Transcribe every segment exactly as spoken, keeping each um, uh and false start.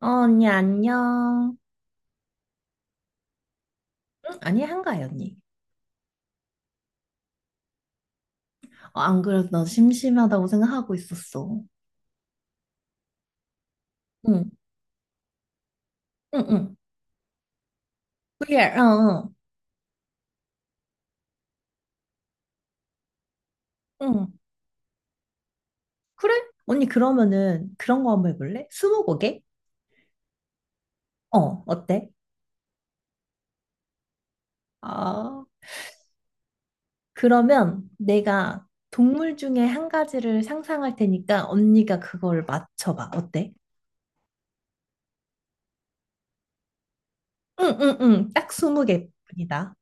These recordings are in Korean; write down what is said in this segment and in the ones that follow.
어, 언니, 안녕. 응? 아니, 한가해, 언니. 어, 안 그래도 나 심심하다고 생각하고 있었어. 응, 응, 응. 그래, 어, 어. 응. 그래? 언니, 그러면은 그런 거 한번 해볼래? 스무고개? 어, 어때? 아, 그러면 내가 동물 중에 한 가지를 상상할 테니까 언니가 그걸 맞춰봐. 어때? 응, 응, 응. 딱 스무 개뿐이다.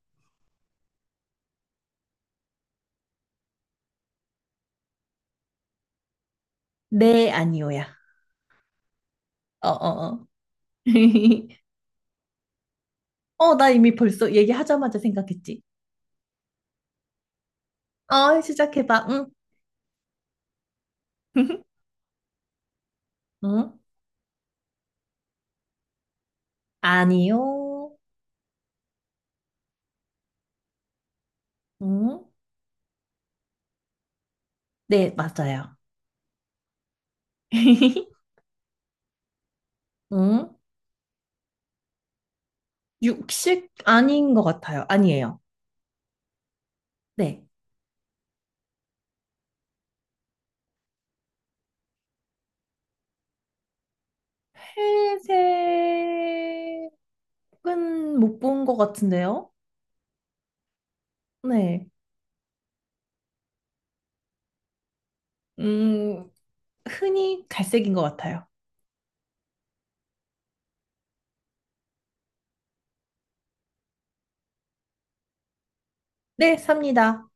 네, 아니오야. 어, 어, 어. 어, 나 이미 벌써 얘기하자마자 생각했지. 어, 시작해봐. 응? 응? 아니요. 응? 네, 맞아요. 응? 육식 아닌 것 같아요. 아니에요. 네. 회색은 못 본 것 같은데요? 네. 음, 흔히 갈색인 것 같아요. 네, 삽니다.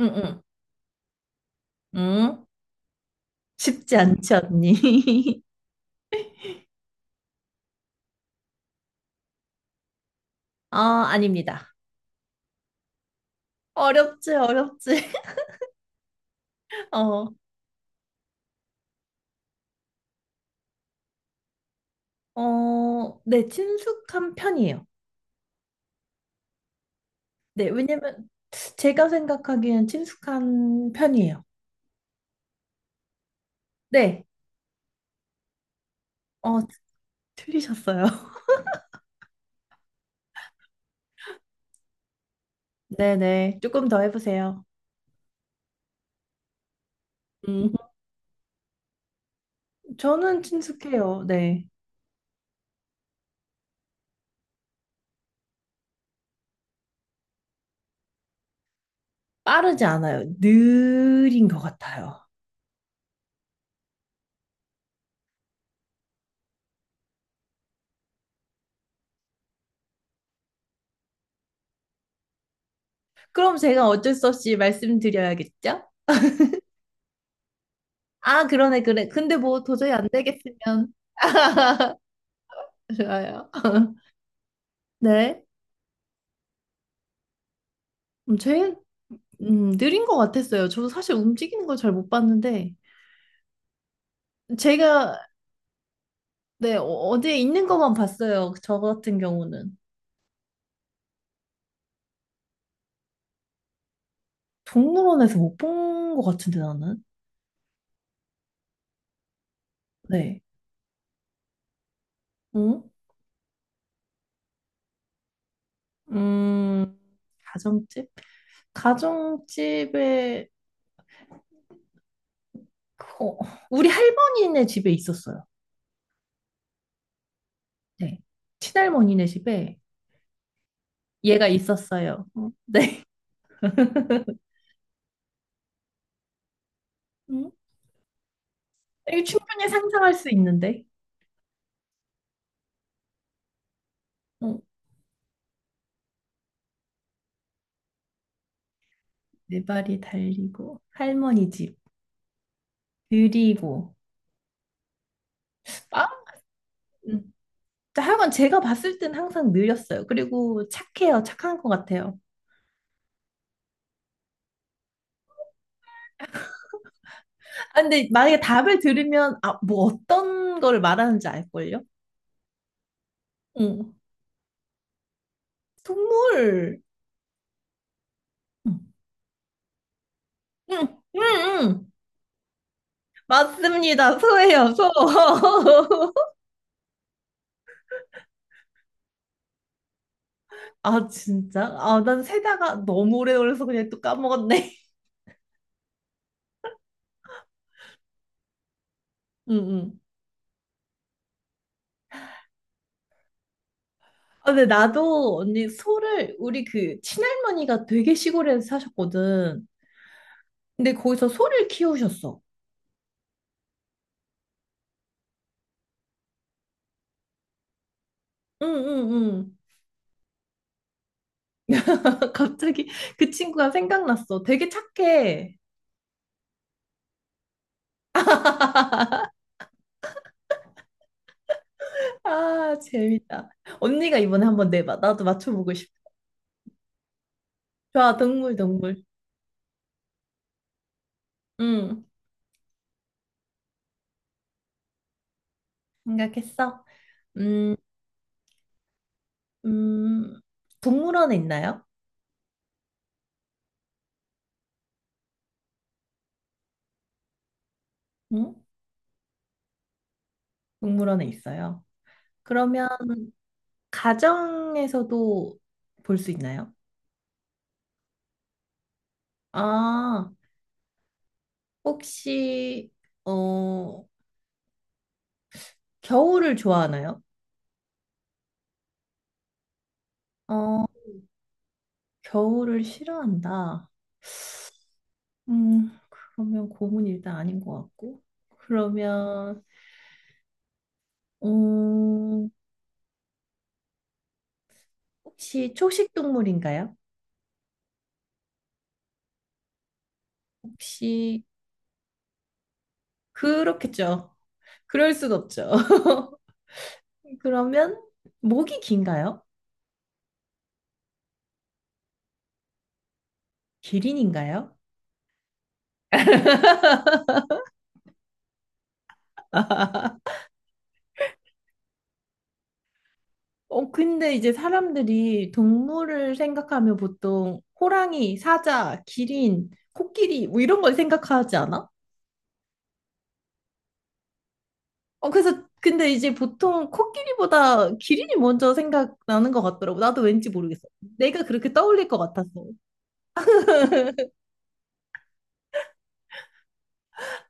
응, 응. 응? 쉽지 않지, 언니? 아, 아닙니다. 어렵지, 어렵지. 어, 어, 네, 친숙한 편이에요. 네, 왜냐면 제가 생각하기엔 친숙한 편이에요. 네, 어, 틀리셨어요. 네네, 조금 더 해보세요. 음, 저는 친숙해요. 네, 빠르지 않아요. 느린 것 같아요. 그럼 제가 어쩔 수 없이 말씀드려야겠죠? 아, 그러네, 그래. 근데 뭐 도저히 안 되겠으면 좋아요. 네, 음, 제일 음, 느린 것 같았어요. 저 사실 움직이는 걸 잘 못 봤는데 제가 네, 어- 어디에 있는 것만 봤어요. 저 같은 경우는. 동물원에서 못 본 것 같은데 나는. 네. 응? 음, 가정집? 가정집에 그거 우리 할머니네 집에 있었어요. 네. 친할머니네 집에 얘가 있었어요. 어, 네. 응? 이거 충분히 상상할 수 있는데. 응. 네 발이 달리고 할머니 집 느리고 아? 음. 하여간 제가 봤을 땐 항상 느렸어요. 그리고 착해요. 착한 것 같아요. 아, 근데 만약에 답을 들으면, 아, 뭐 어떤 거를 말하는지 알걸요? 응. 동물. 응, 응, 응. 응. 맞습니다. 소예요, 소. 아, 진짜? 아, 난 세다가 너무 오래 걸려서 그냥 또 까먹었네. 응, 응. 아, 근데 나도 언니 소를, 우리 그 친할머니가 되게 시골에 사셨거든. 근데 거기서 소를 키우셨어. 응, 응, 응. 갑자기 그 친구가 생각났어. 되게 착해. 아, 재밌다. 언니가 이번에 한번 내봐. 나도 맞춰보고 싶어. 좋아, 동물, 동물. 응, 생각했어. 음, 음, 동물원에 있나요? 응? 동물원에 있어요. 그러면 가정에서도 볼 수 있나요? 아, 혹시, 어, 겨울을 좋아하나요? 어, 겨울을 싫어한다. 음, 그러면 곰은 일단 아닌 것 같고. 그러면, 음, 혹시 초식 동물인가요? 혹시 그렇겠죠. 그럴 순 없죠. 그러면 목이 긴가요? 기린인가요? 어, 근데 이제 사람들이 동물을 생각하면 보통 호랑이, 사자, 기린, 코끼리 뭐 이런 걸 생각하지 않아? 어, 그래서 근데 이제 보통 코끼리보다 기린이 먼저 생각나는 것 같더라고. 나도 왠지 모르겠어. 내가 그렇게 떠올릴 것 같았어.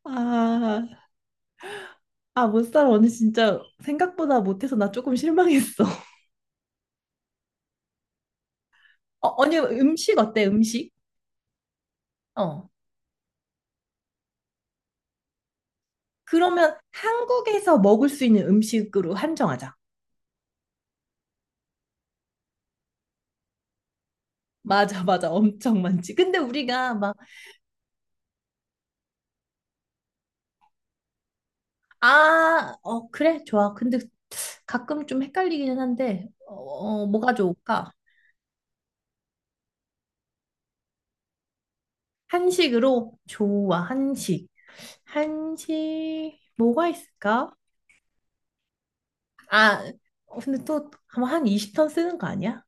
아, 아, 못 살아. 언니 진짜 생각보다 못해서 나 조금 실망했어. 어, 언니 음식 어때? 음식? 어. 그러면 한국에서 먹을 수 있는 음식으로 한정하자. 맞아, 맞아. 엄청 많지. 근데 우리가 막, 아, 어, 그래, 좋아. 근데 가끔 좀 헷갈리기는 한데, 어, 어, 뭐가 좋을까? 한식으로? 좋아, 한식. 한식, 뭐가 있을까? 아, 어, 근데 또, 아마 한 이십 턴 쓰는 거 아니야?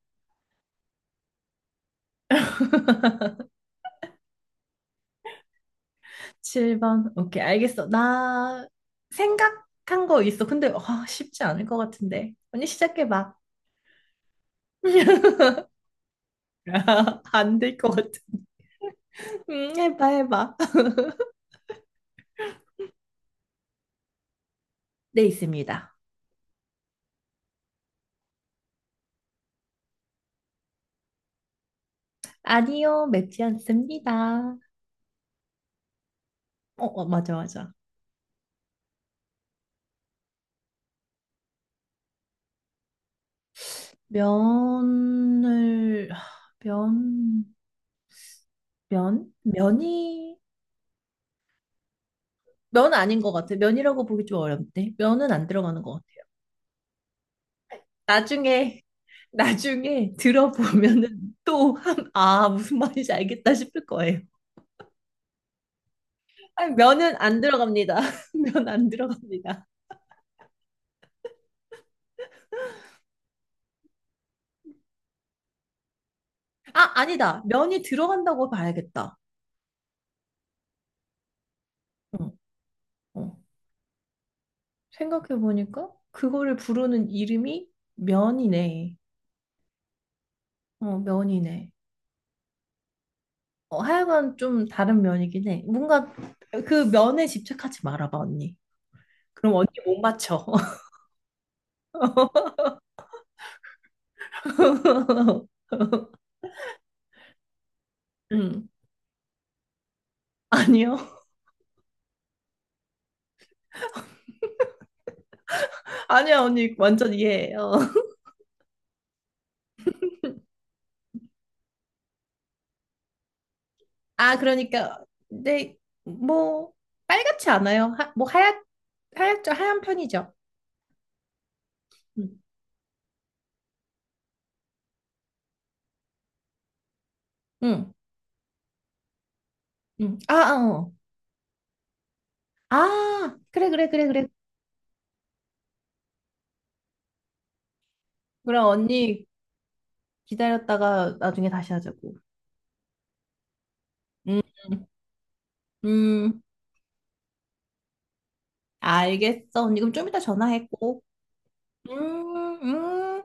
칠 번. 오케이, 알겠어. 나 생각한 거 있어. 근데 와, 쉽지 않을 것 같은데. 언니 시작해봐. 안 될 것 같은. 음, 해봐, 해봐. 네, 있습니다. 아니요, 맵지 않습니다. 어, 어, 맞아, 맞아. 면을, 면, 면? 면이, 면 아닌 것 같아. 면이라고 보기 좀 어렵네. 면은 안 들어가는 것 같아요. 나중에 나중에 들어보면은 또 한, 아, 무슨 말인지 알겠다 싶을 거예요. 아니, 면은 안 들어갑니다. 면 안 들어갑니다. 아, 아니다. 면이 들어간다고 봐야겠다. 어, 어. 생각해보니까 그거를 부르는 이름이 면이네. 어, 면이네. 어, 하여간 좀 다른 면이긴 해. 뭔가 그 면에 집착하지 말아봐, 언니. 그럼 언니 못 맞춰. 음. 아니요. 아니야, 언니. 완전 이해해요. 아, 그러니까, 근데, 뭐, 빨갛지 않아요. 하, 뭐, 하얗, 하얗죠. 하얀 편이죠. 응, 응, 응. 아, 아, 어. 아, 그래, 그래, 그래, 그래. 그럼 언니 기다렸다가 나중에 다시 하자고. 음, 음, 알겠어. 언니 그럼 좀 이따 전화했고. 음, 음.